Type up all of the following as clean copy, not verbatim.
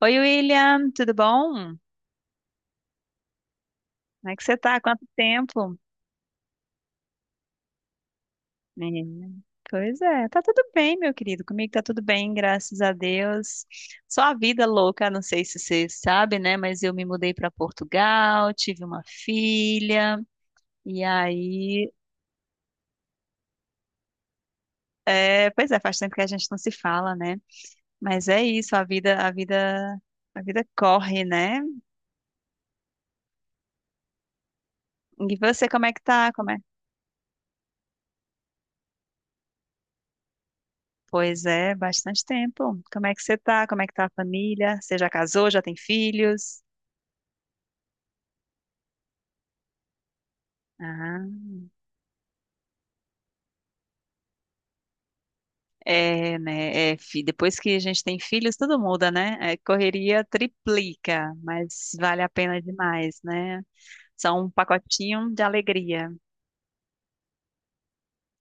Oi, William, tudo bom? Como é que você tá? Quanto tempo? Menina. Pois é, tá tudo bem, meu querido. Comigo tá tudo bem, graças a Deus. Só a vida louca, não sei se você sabe, né? Mas eu me mudei para Portugal, tive uma filha, e aí, pois é, faz tempo que a gente não se fala, né? Mas é isso, a vida corre, né? E você, como é que tá? Pois é, bastante tempo. Como é que você tá? Como é que tá a família? Você já casou? Já tem filhos? Ah, é, né? É, depois que a gente tem filhos, tudo muda, né? É, correria triplica, mas vale a pena demais, né? São um pacotinho de alegria.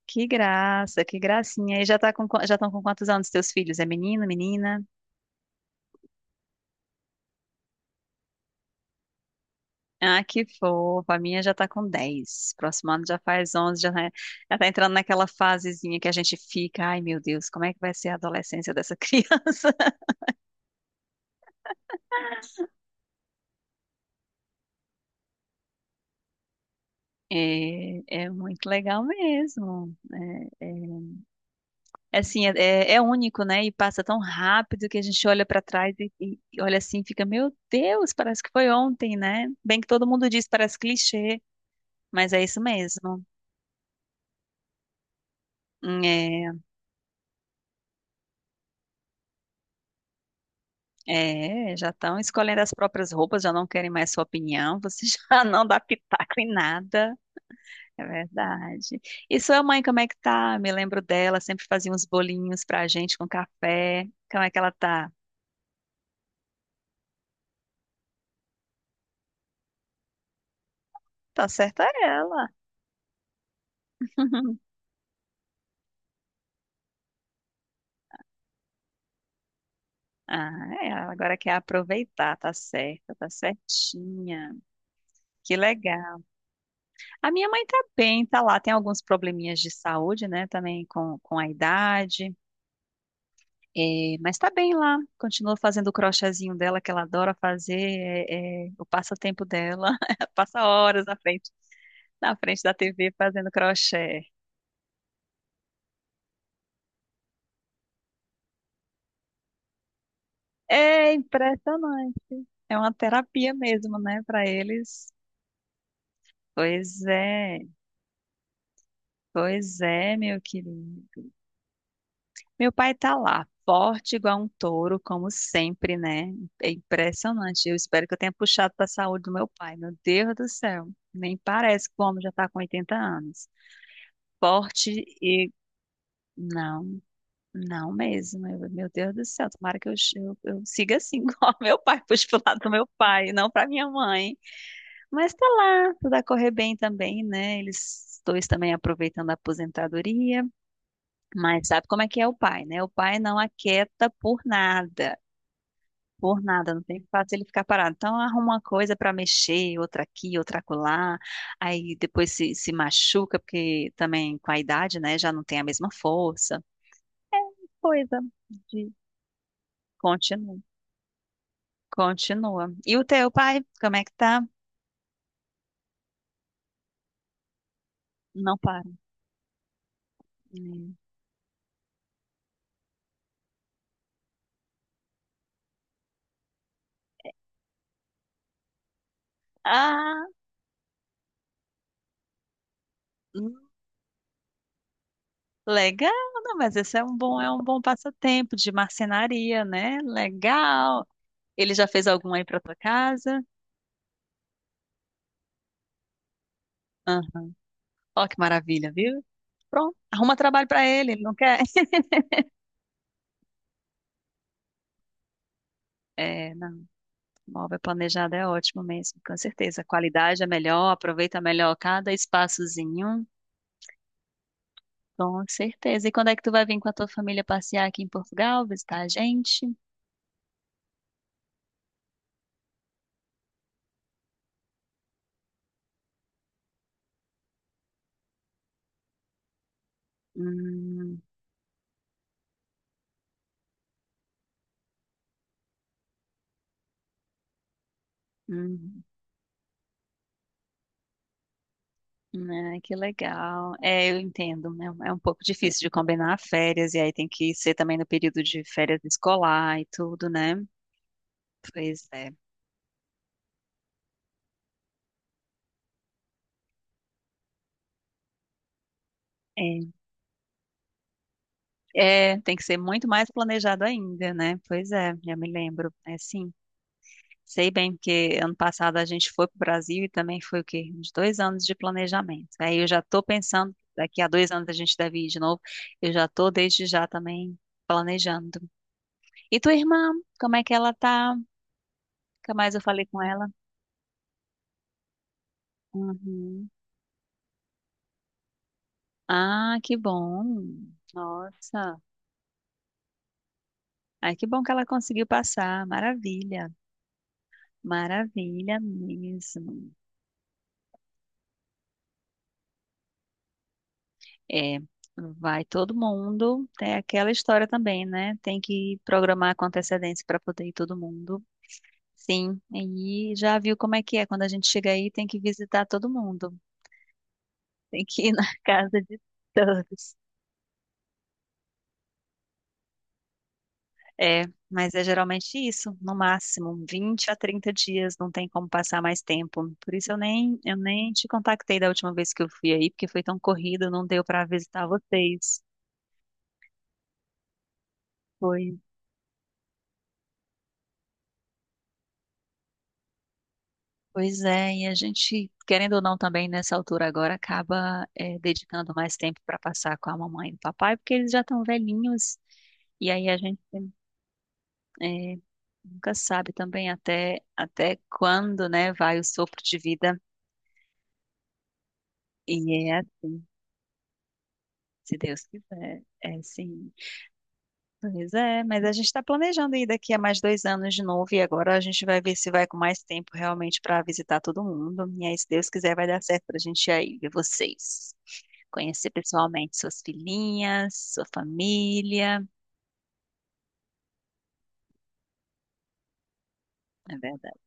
Que graça, que gracinha. E já tá com, já estão com quantos anos teus filhos? É menino, menina? Ah, que fofa. A minha já tá com 10. Próximo ano já faz 11, já tá entrando naquela fasezinha que a gente fica, ai meu Deus, como é que vai ser a adolescência dessa criança? É, é muito legal mesmo. É, é, é único, né? E passa tão rápido que a gente olha pra trás e olha assim, e fica, meu Deus, parece que foi ontem, né? Bem que todo mundo diz, parece clichê, mas é isso mesmo. É. É, já estão escolhendo as próprias roupas, já não querem mais sua opinião, você já não dá pitaco em nada. É verdade. E sua mãe, como é que tá? Me lembro dela, sempre fazia uns bolinhos pra gente com café. Como é que ela tá? Tá certa ela. Ah, é, ela agora quer aproveitar, tá certa, tá certinha. Que legal. A minha mãe tá bem, tá lá, tem alguns probleminhas de saúde, né, também com a idade. É, mas tá bem lá, continua fazendo o crochêzinho dela que ela adora fazer, é, é o passatempo dela. Ela passa horas na frente da TV fazendo crochê. É impressionante, é uma terapia mesmo, né, para eles. Pois é, pois é, meu querido. Meu pai tá lá, forte igual um touro, como sempre, né? É impressionante. Eu espero que eu tenha puxado para a saúde do meu pai. Meu Deus do céu, nem parece como já tá com 80 anos. Esporte e Não, não mesmo. Meu Deus do céu, tomara que eu siga assim, igual meu pai, puxe pro lado do meu pai, não pra minha mãe. Mas tá lá, tudo a correr bem também, né? Eles dois também aproveitando a aposentadoria, mas sabe como é que é o pai, né? O pai não aquieta por nada. Por nada, não tem fácil ele ficar parado. Então arruma uma coisa pra mexer, outra aqui, outra acolá. Aí depois se machuca, porque também com a idade, né, já não tem a mesma força. Coisa de Continua, continua. E o teu pai, como é que tá? Não para. Hum. Ah, hum, legal, não, mas esse é um bom passatempo de marcenaria, né? Legal. Ele já fez algum aí pra tua casa? Ah, ó que maravilha, viu? Pronto, arruma trabalho pra ele, ele não quer. É, não, móvel planejado é ótimo mesmo, com certeza. A qualidade é melhor, aproveita melhor cada espaçozinho. Com certeza. E quando é que tu vai vir com a tua família passear aqui em Portugal, visitar a gente? Hum, hum, né, que legal. É, eu entendo, né? É um pouco difícil de combinar férias, e aí tem que ser também no período de férias escolar e tudo, né? Pois é. É, tem que ser muito mais planejado ainda, né? Pois é, já me lembro. É sim. Sei bem, porque ano passado a gente foi para o Brasil e também foi o quê? Uns 2 anos de planejamento. Aí eu já estou pensando, daqui a 2 anos a gente deve ir de novo. Eu já estou desde já também planejando. E tua irmã, como é que ela tá? Nunca mais eu falei com ela. Uhum. Ah, que bom. Nossa. Ai, que bom que ela conseguiu passar. Maravilha. Maravilha mesmo. É, vai todo mundo. Tem aquela história também, né? Tem que programar com antecedência para poder ir todo mundo. Sim, e já viu como é que é. Quando a gente chega aí, tem que visitar todo mundo. Tem que ir na casa de todos. É, mas é geralmente isso, no máximo 20 a 30 dias, não tem como passar mais tempo. Por isso eu nem te contactei da última vez que eu fui aí, porque foi tão corrido, não deu para visitar vocês. Pois Pois é, e a gente, querendo ou não, também nessa altura agora acaba dedicando mais tempo para passar com a mamãe e o papai, porque eles já estão velhinhos, e aí a gente eh, nunca sabe também até quando, né, vai o sopro de vida, e é, se Deus quiser, é sim. Pois é, mas a gente está planejando ir daqui a mais 2 anos de novo, e agora a gente vai ver se vai com mais tempo realmente para visitar todo mundo, e aí, se Deus quiser, vai dar certo para a gente ir aí ver vocês. Conhecer pessoalmente suas filhinhas, sua família, é verdade.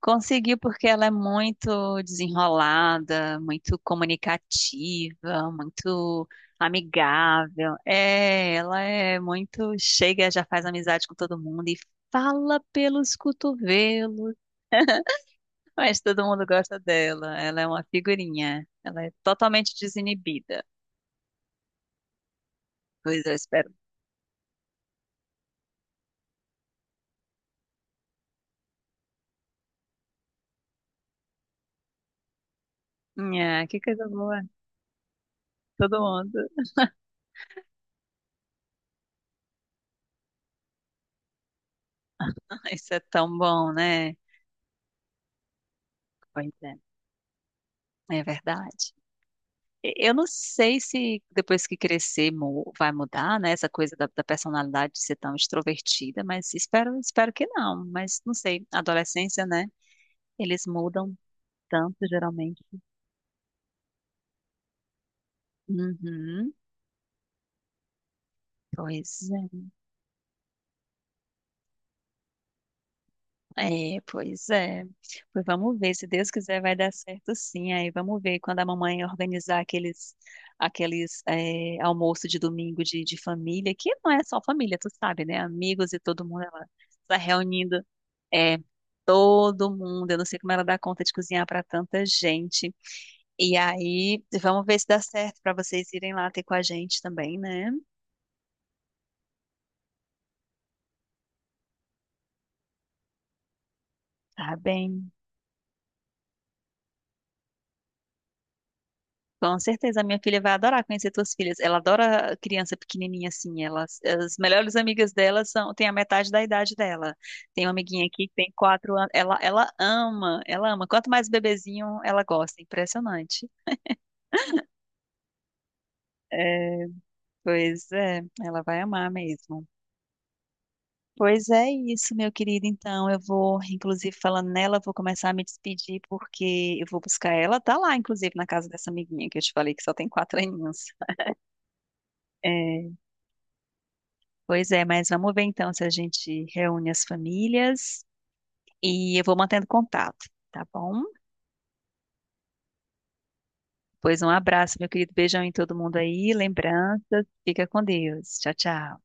Conseguiu porque ela é muito desenrolada, muito comunicativa, muito amigável. É, ela é muito chega, já faz amizade com todo mundo e fala pelos cotovelos. Mas todo mundo gosta dela. Ela é uma figurinha. Ela é totalmente desinibida. Pois eu espero. É, que coisa boa. Todo mundo. Isso é tão bom, né? Pois é. É verdade. E- eu não sei se depois que crescer vai mudar, né? Essa coisa da personalidade de ser tão extrovertida, mas espero, espero que não. Mas não sei, adolescência, né? Eles mudam tanto, geralmente. Uhum. Pois é. É. Pois vamos ver, se Deus quiser vai dar certo sim. Aí vamos ver quando a mamãe organizar aqueles almoço de domingo de família, que não é só família, tu sabe, né? Amigos e todo mundo, ela tá reunindo. É, todo mundo. Eu não sei como ela dá conta de cozinhar para tanta gente. E aí, vamos ver se dá certo para vocês irem lá ter com a gente também, né? Tá bem. Com certeza, a minha filha vai adorar conhecer tuas filhas. Ela adora criança pequenininha assim. Elas, as melhores amigas dela são, tem a metade da idade dela. Tem uma amiguinha aqui que tem 4 anos. Ela ama, ela ama. Quanto mais bebezinho, ela gosta. Impressionante. É, pois é, ela vai amar mesmo. Pois é isso, meu querido. Então, eu vou, inclusive, falando nela, vou começar a me despedir, porque eu vou buscar ela. Tá lá, inclusive, na casa dessa amiguinha que eu te falei que só tem 4 aninhos. É, pois é, mas vamos ver então se a gente reúne as famílias e eu vou mantendo contato, tá bom? Pois um abraço, meu querido. Beijão em todo mundo aí, lembranças. Fica com Deus. Tchau, tchau.